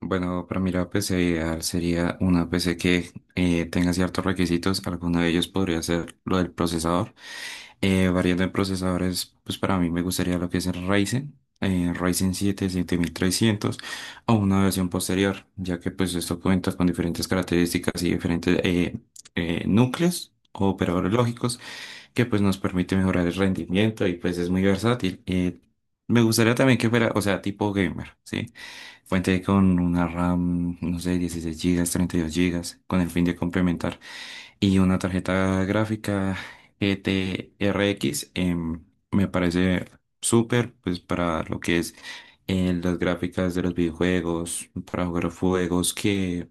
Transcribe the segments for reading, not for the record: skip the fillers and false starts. Bueno, para mí la PC ideal sería una PC que tenga ciertos requisitos. Alguno de ellos podría ser lo del procesador. Variando en procesadores, pues para mí me gustaría lo que es el Ryzen, Ryzen 7, 7300 o una versión posterior, ya que pues esto cuenta con diferentes características y diferentes núcleos o operadores lógicos que pues nos permite mejorar el rendimiento y pues es muy versátil. Me gustaría también que fuera, o sea, tipo gamer, ¿sí? Fuente con una RAM, no sé, 16 gigas, 32 gigas, con el fin de complementar. Y una tarjeta gráfica G t GTRX, me parece súper, pues para lo que es las gráficas de los videojuegos, para jugar juegos que,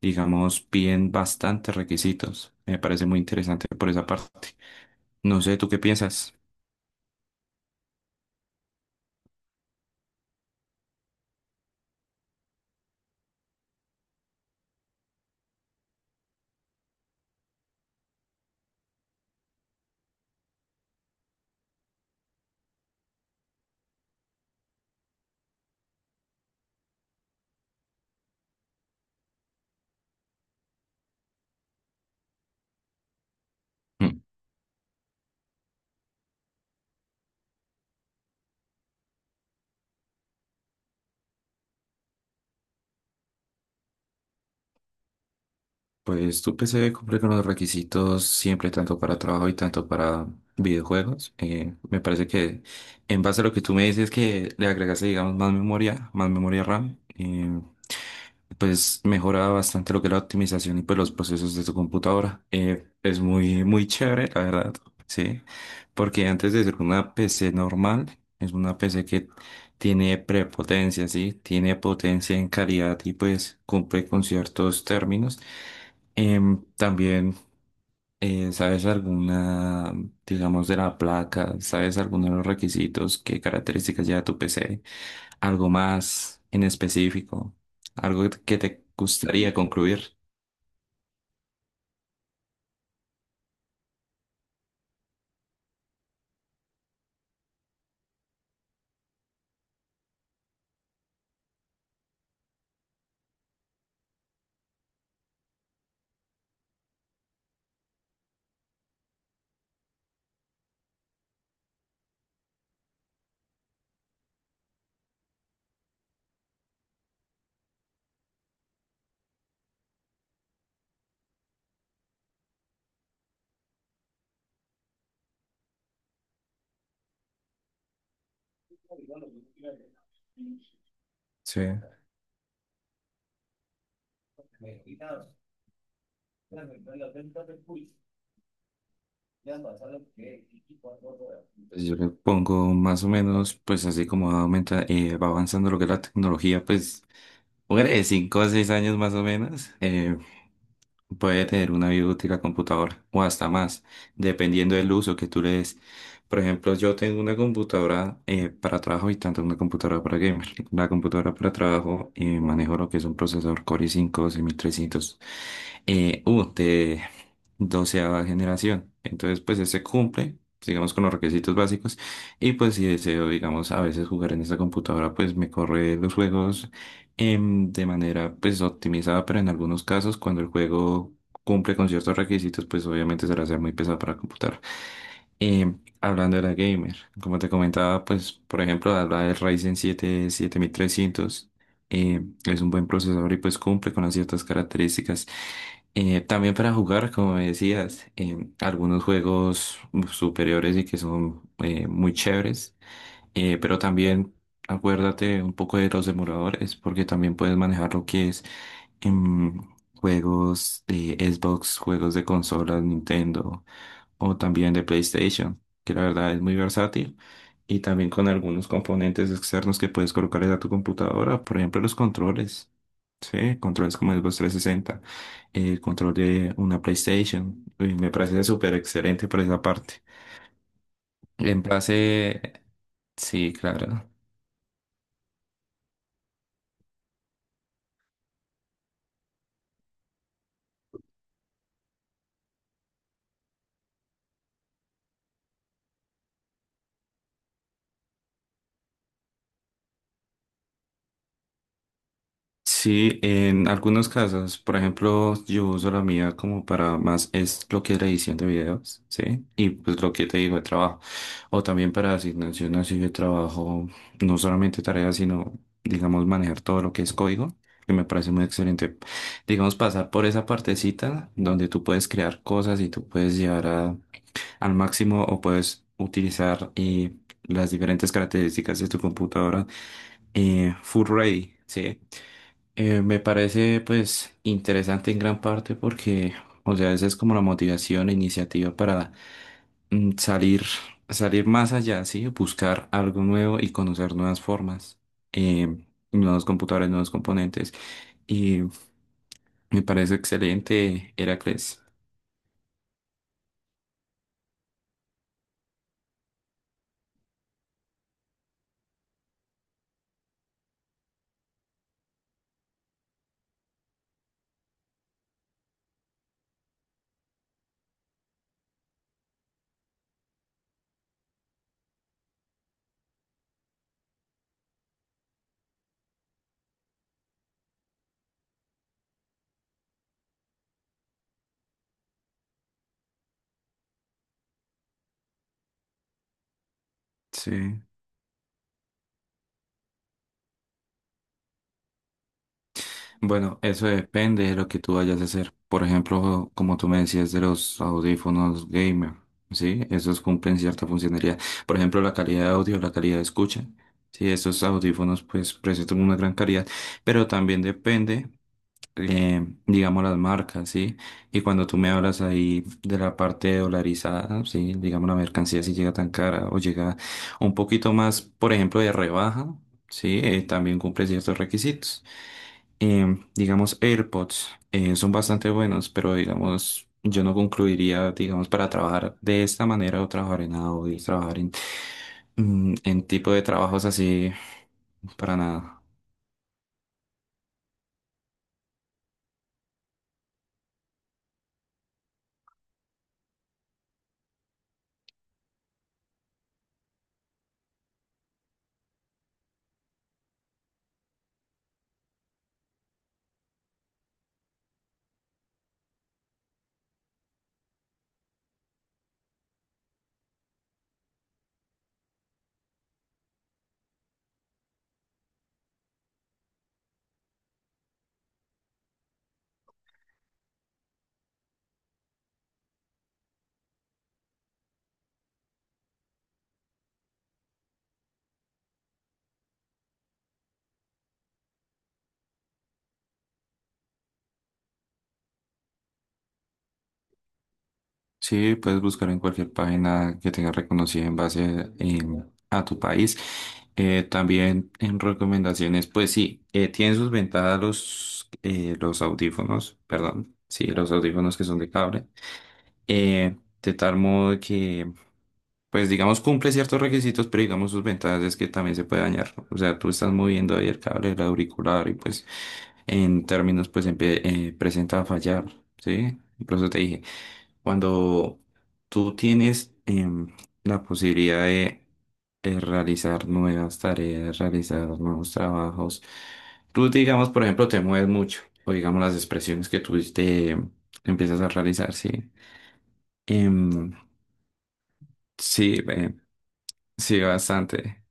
digamos, piden bastantes requisitos. Me parece muy interesante por esa parte. No sé, ¿tú qué piensas? Hmm. Pues tu PC cumple con los requisitos siempre, tanto para trabajo y tanto para videojuegos. Me parece que, en base a lo que tú me dices que le agregaste, digamos, más memoria RAM, pues mejora bastante lo que es la optimización y pues los procesos de tu computadora. Es muy, muy chévere, la verdad, sí, porque antes de ser una PC normal, es una PC que tiene prepotencia, sí, tiene potencia en calidad y pues cumple con ciertos términos. También, ¿sabes alguna, digamos, de la placa? ¿Sabes alguno de los requisitos? ¿Qué características lleva tu PC, algo más en específico, algo que te gustaría concluir? Sí. Pues yo le pongo más o menos, pues así como aumenta, va avanzando lo que es la tecnología, pues, hombre, de 5 a 6 años más o menos. Puede tener una vida útil la computadora o hasta más, dependiendo del uso que tú le des. Por ejemplo, yo tengo una computadora para trabajo y tanto una computadora para gamer. La computadora para trabajo, manejo lo que es un procesador Core i5 6300 U de 12.ª generación. Entonces, pues ese cumple, digamos, con los requisitos básicos. Y pues si deseo, digamos, a veces jugar en esa computadora, pues me corre los juegos de manera pues optimizada, pero en algunos casos cuando el juego cumple con ciertos requisitos, pues obviamente será ser muy pesado para computar. Hablando de la gamer, como te comentaba, pues por ejemplo, habla del Ryzen 7 7300, es un buen procesador y pues cumple con las ciertas características. También para jugar, como me decías, em, algunos juegos superiores y que son muy chéveres. Pero también acuérdate un poco de los demoradores, porque también puedes manejar lo que es em, juegos de Xbox, juegos de consolas, Nintendo o también de PlayStation, que la verdad es muy versátil. Y también con algunos componentes externos que puedes colocarle a tu computadora, por ejemplo, los controles. Sí, controles como el Xbox 360, el control de una PlayStation, y me parece súper excelente por esa parte. En base, sí, claro. Sí, en algunos casos, por ejemplo, yo uso la mía como para más, es lo que es la edición de videos, ¿sí? Y pues lo que te digo de trabajo. O también para asignación así de trabajo, no solamente tareas, sino, digamos, manejar todo lo que es código, que me parece muy excelente. Digamos, pasar por esa partecita donde tú puedes crear cosas y tú puedes llevar a- al máximo o puedes utilizar las diferentes características de tu computadora, full ready, ¿sí? Me parece pues interesante en gran parte porque, o sea, esa es como la motivación, la iniciativa para, mm, salir, salir más allá, ¿sí? Buscar algo nuevo y conocer nuevas formas, eh, nuevos computadores, nuevos componentes. Y me parece excelente, Heracles. Sí. Bueno, eso depende de lo que tú vayas a hacer. Por ejemplo, como tú me decías de los audífonos gamer, ¿sí? Esos cumplen cierta funcionalidad. Por ejemplo, la calidad de audio, la calidad de escucha. Sí, esos audífonos pues presentan una gran calidad, pero también depende, digamos, las marcas, ¿sí? Y cuando tú me hablas ahí de la parte dolarizada, ¿sí? Digamos, la mercancía si llega tan cara o llega un poquito más, por ejemplo, de rebaja, ¿sí? También cumple ciertos requisitos. Digamos, AirPods son bastante buenos, pero digamos, yo no concluiría, digamos, para trabajar de esta manera o trabajar en audio, trabajar en, en tipo de trabajos así, para nada. Sí, puedes buscar en cualquier página que tenga reconocida en base, a tu país. También en recomendaciones, pues sí, tienen sus ventajas los audífonos, perdón, sí, los audífonos que son de cable. Eh, de tal modo que pues digamos cumple ciertos requisitos, pero digamos sus ventajas es que también se puede dañar. O sea, tú estás moviendo ahí el cable del auricular y pues en términos pues presenta a fallar, ¿sí? Y por eso te dije, cuando tú tienes, la posibilidad de realizar nuevas tareas, realizar nuevos trabajos, tú digamos, por ejemplo, te mueves mucho o digamos las expresiones que tú te empiezas a realizar, ¿sí? Em, sí, sí, bastante.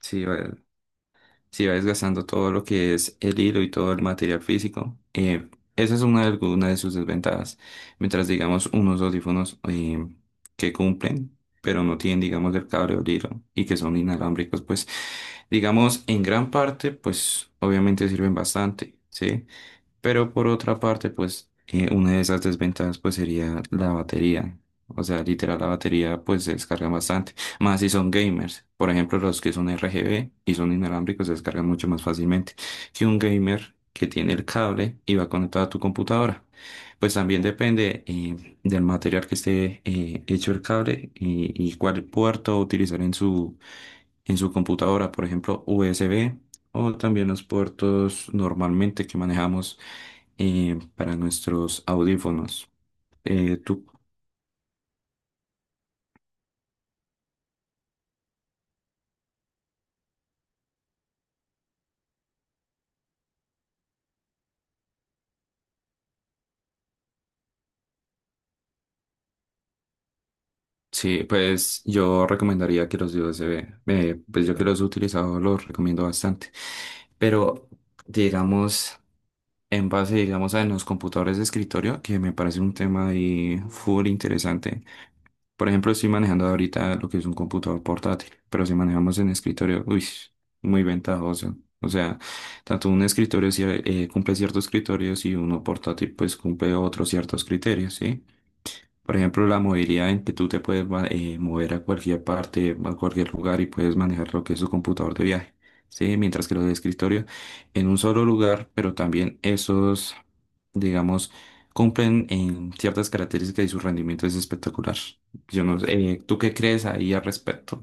Sí, va, sí va desgastando todo lo que es el hilo y todo el material físico. Esa es una de, alguna de sus desventajas. Mientras, digamos, unos audífonos que cumplen, pero no tienen, digamos, el cable o el hilo y que son inalámbricos, pues, digamos, en gran parte, pues, obviamente sirven bastante, ¿sí? Pero por otra parte, pues una de esas desventajas pues sería la batería. O sea, literal la batería pues se descarga bastante. Más si son gamers. Por ejemplo, los que son RGB y son inalámbricos se descargan mucho más fácilmente que un gamer que tiene el cable y va conectado a tu computadora. Pues también depende del material que esté hecho el cable y cuál puerto utilizar en su computadora. Por ejemplo, USB o también los puertos normalmente que manejamos para nuestros audífonos. Eh, tú, sí, pues yo recomendaría que los de USB, pues yo que los he utilizado los recomiendo bastante. Pero digamos, en base, digamos, a los computadores de escritorio, que me parece un tema ahí full interesante. Por ejemplo, estoy manejando ahorita lo que es un computador portátil, pero si manejamos en escritorio, uy, muy ventajoso. O sea, tanto un escritorio sí, cumple ciertos criterios y uno portátil pues cumple otros ciertos criterios, ¿sí? Por ejemplo, la movilidad en que tú te puedes mover a cualquier parte, a cualquier lugar y puedes manejar lo que es tu computador de viaje, ¿sí? Mientras que los de escritorio en un solo lugar, pero también esos, digamos, cumplen en ciertas características y su rendimiento es espectacular. Yo no sé, ¿tú qué crees ahí al respecto?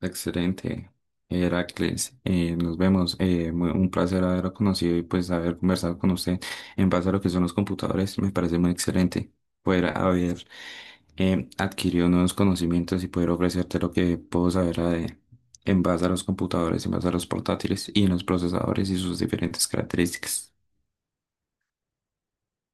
Excelente, Heracles. Nos vemos. Un placer haberlo conocido y pues haber conversado con usted en base a lo que son los computadores. Me parece muy excelente poder haber adquirido nuevos conocimientos y poder ofrecerte lo que puedo saber a de- en base a los computadores, en base a los portátiles y en los procesadores y sus diferentes características.